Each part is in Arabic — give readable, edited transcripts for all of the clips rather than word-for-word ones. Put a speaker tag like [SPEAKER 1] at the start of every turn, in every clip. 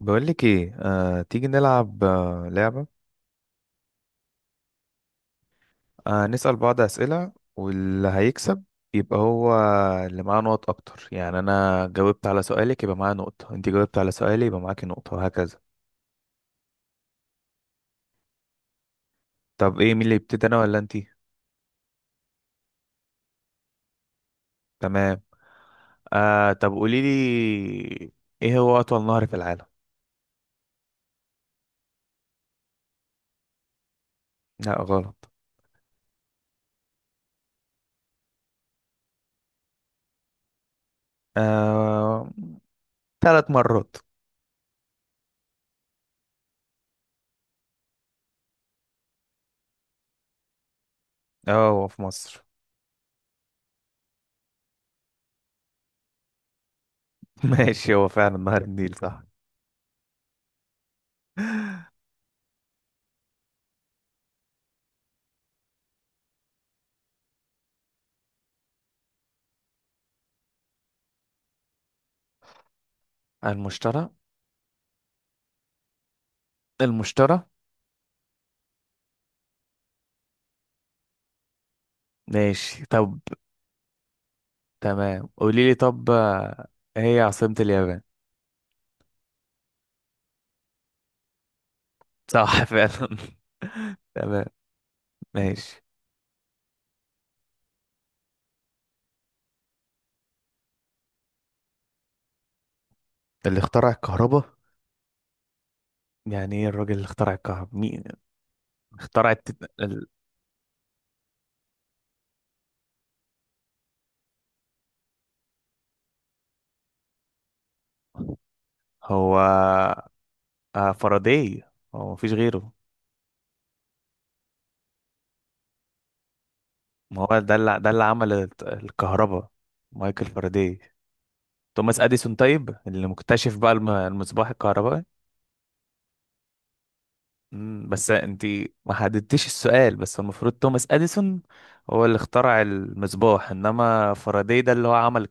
[SPEAKER 1] بقولك ايه. تيجي نلعب لعبة. نسأل بعض أسئلة، واللي هيكسب يبقى هو اللي معاه نقط أكتر. يعني أنا جاوبت على سؤالك يبقى معايا نقطة، أنت جاوبت على سؤالي يبقى معاكي نقطة، وهكذا. طب ايه، مين اللي يبتدي، أنا ولا أنتي؟ تمام. طب قوليلي، ايه هو أطول نهر في العالم؟ لا، غلط. آه. ثلاث مرات. اه، هو في مصر. ماشي، هو فعلا نهر النيل، صح. المشترى. المشترى. ماشي، طب. تمام، قولي لي طب، هي عاصمة اليابان؟ صح فعلا. تمام. ماشي. اللي اخترع الكهرباء. يعني ايه، الراجل اللي اخترع الكهرباء مين؟ اخترع هو فاراداي. هو، مفيش غيره؟ ما هو ده اللي، عمل الكهرباء، مايكل فاراداي. توماس اديسون طيب، اللي مكتشف بقى المصباح الكهربائي. بس انت ما حددتيش السؤال، بس المفروض توماس اديسون هو اللي اخترع المصباح، انما فاراداي ده اللي هو عمل،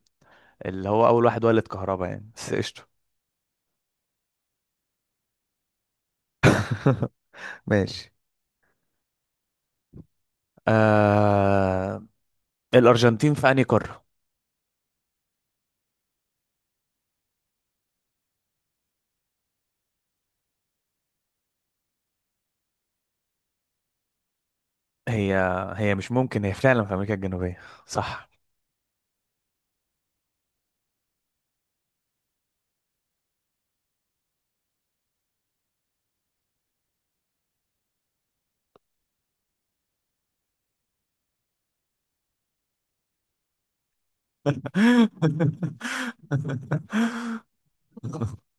[SPEAKER 1] اللي هو اول واحد ولد كهرباء يعني، بس قشطه. ماشي. آه... الارجنتين في انهي قاره؟ هي هي مش ممكن، هي فعلا في امريكا الجنوبيه، صح.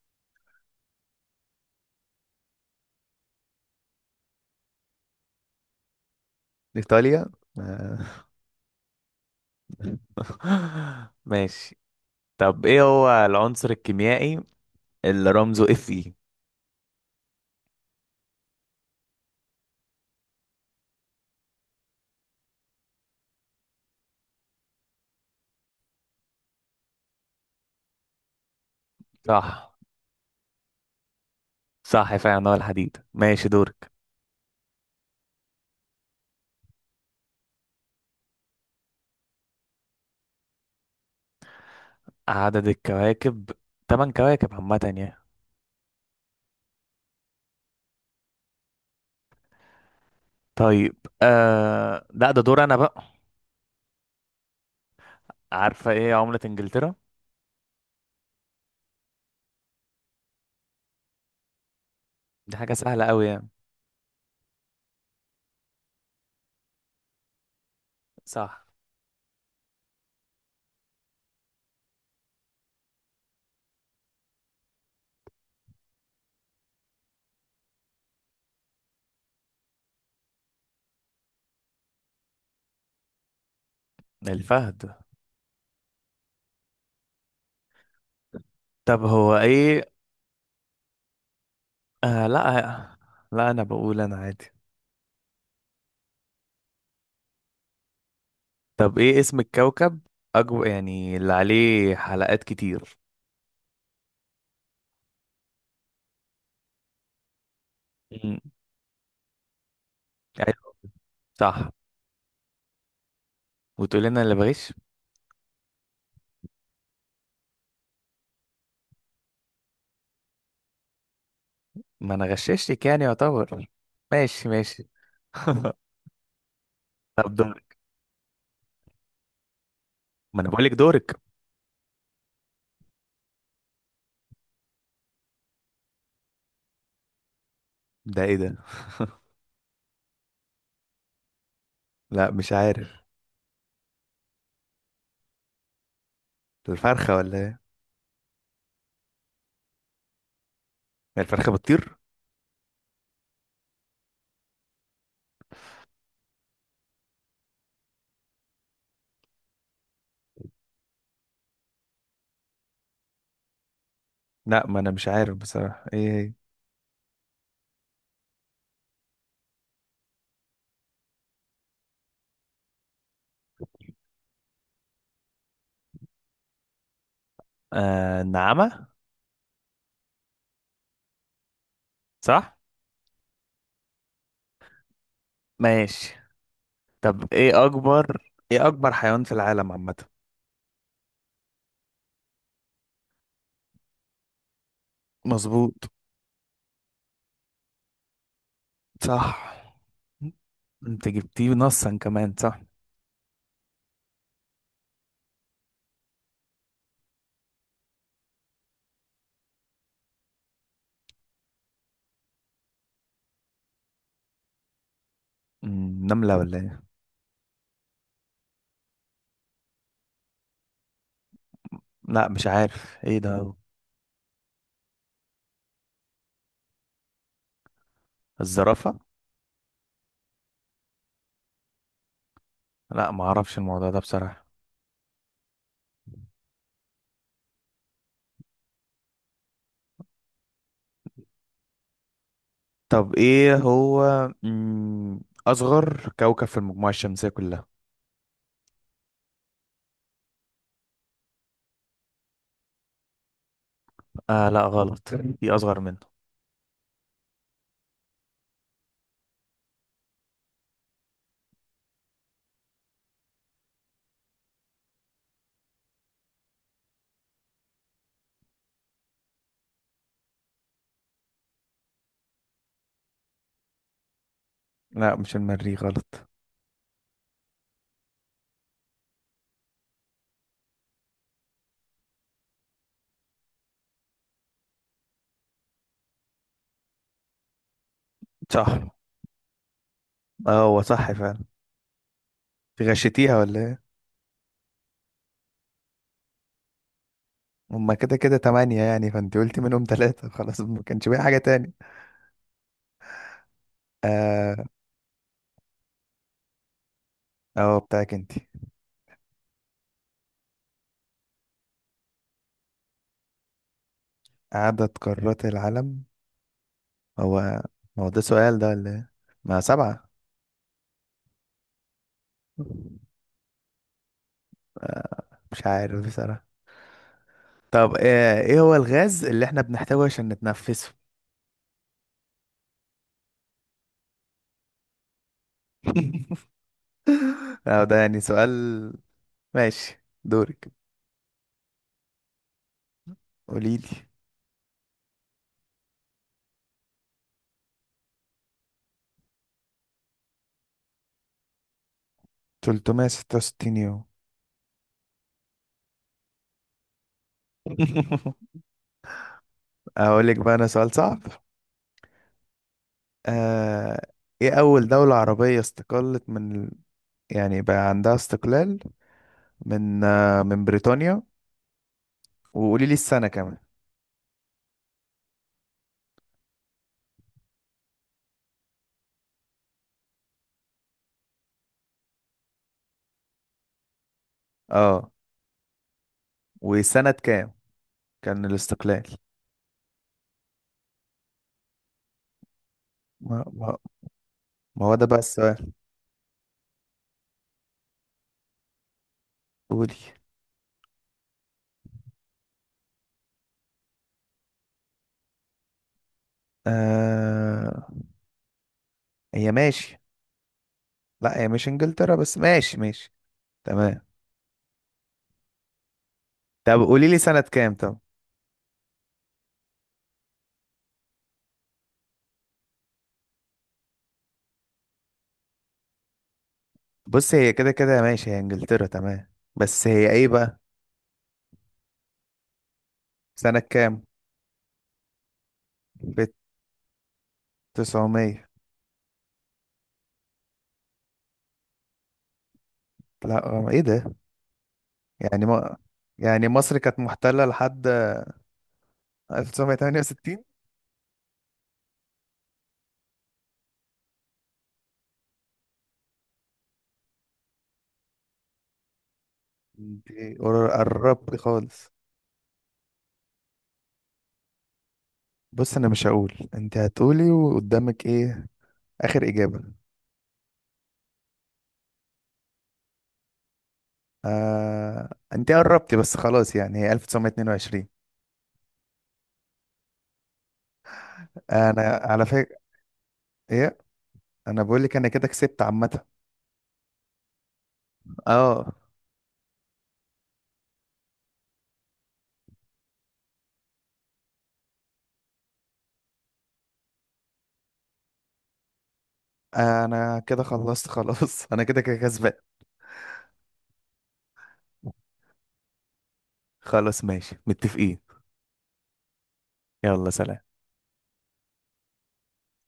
[SPEAKER 1] إيطاليا. آه، ماشي. طب ايه هو العنصر الكيميائي اللي رمزه اف اي؟ صح، صح فعلا هو الحديد. ماشي، دورك. عدد الكواكب، تمن كواكب عامة يعني. طيب. لا، ده دور انا بقى. عارفة ايه عملة انجلترا؟ دي حاجة سهلة قوي يعني. صح. الفهد. طب هو ايه؟ لا، لا، انا بقول انا عادي. طب ايه اسم الكوكب اكبر، يعني اللي عليه حلقات كتير؟ مم. ايوه، صح. وتقول لنا اللي بغش. ما انا غششتك يعني، يعتبر. ماشي، ماشي. طب دورك. ما انا بقول لك دورك. ده ايه ده؟ لا، مش عارف. الفرخة ولا ايه؟ هي الفرخة بتطير. لا، ما انا مش عارف بصراحة ايه هي. النعامة. صح. ماشي. طب ايه اكبر حيوان في العالم عامة؟ مظبوط. صح. انت جبتيه نصا كمان، صح. نملة ولا ايه؟ لا، مش عارف ايه ده. الزرافة. لا، ما اعرفش الموضوع ده بصراحة. طب ايه هو، اصغر كوكب في المجموعة الشمسية كلها؟ لا، غلط. في اصغر منه. لا، مش المريخ، غلط. صح، اه هو صح فعلا. في، غشيتيها ولا ايه؟ هما كده كده تمانية يعني، فانت قلتي منهم تلاتة، خلاص ما كانش بقى حاجة تاني. اه. اه، بتاعك انت. عدد قارات العالم. هو هو ده سؤال ده ولا ايه؟ ما سبعة. آه، مش عارف بصراحة. طب ايه هو الغاز اللي احنا بنحتاجه عشان نتنفسه؟ اه، ده يعني سؤال. ماشي، دورك. قوليلي. 366 يوم. اقول لك بقى انا سؤال صعب. آه، ايه اول دولة عربية استقلت يعني بقى عندها استقلال، من بريطانيا، وقولي لي السنة كمان. اه. وسنة كام كان الاستقلال؟ ما, ما, ما هو ده بقى السؤال. قولي. آه هي ماشي. لا، هي مش انجلترا، بس ماشي، ماشي. تمام. طب قولي لي سنة كام طب. بص، هي كده كده ماشي، هي انجلترا تمام، بس هي ايه بقى. سنة كام؟ في 900. لا، ايه ده، يعني ما، يعني مصر كانت محتلة لحد 1968؟ انت قربتي خالص. بص، انا مش هقول، انت هتقولي وقدامك ايه، اخر اجابة. انت قربتي بس، خلاص يعني هي 1922. انا على فكرة. ايه. انا بقول لك انا كده كسبت عامة. اه. انا كده خلصت خلاص. انا كده كده كسبان. خلاص، ماشي، متفقين. يلا، سلام.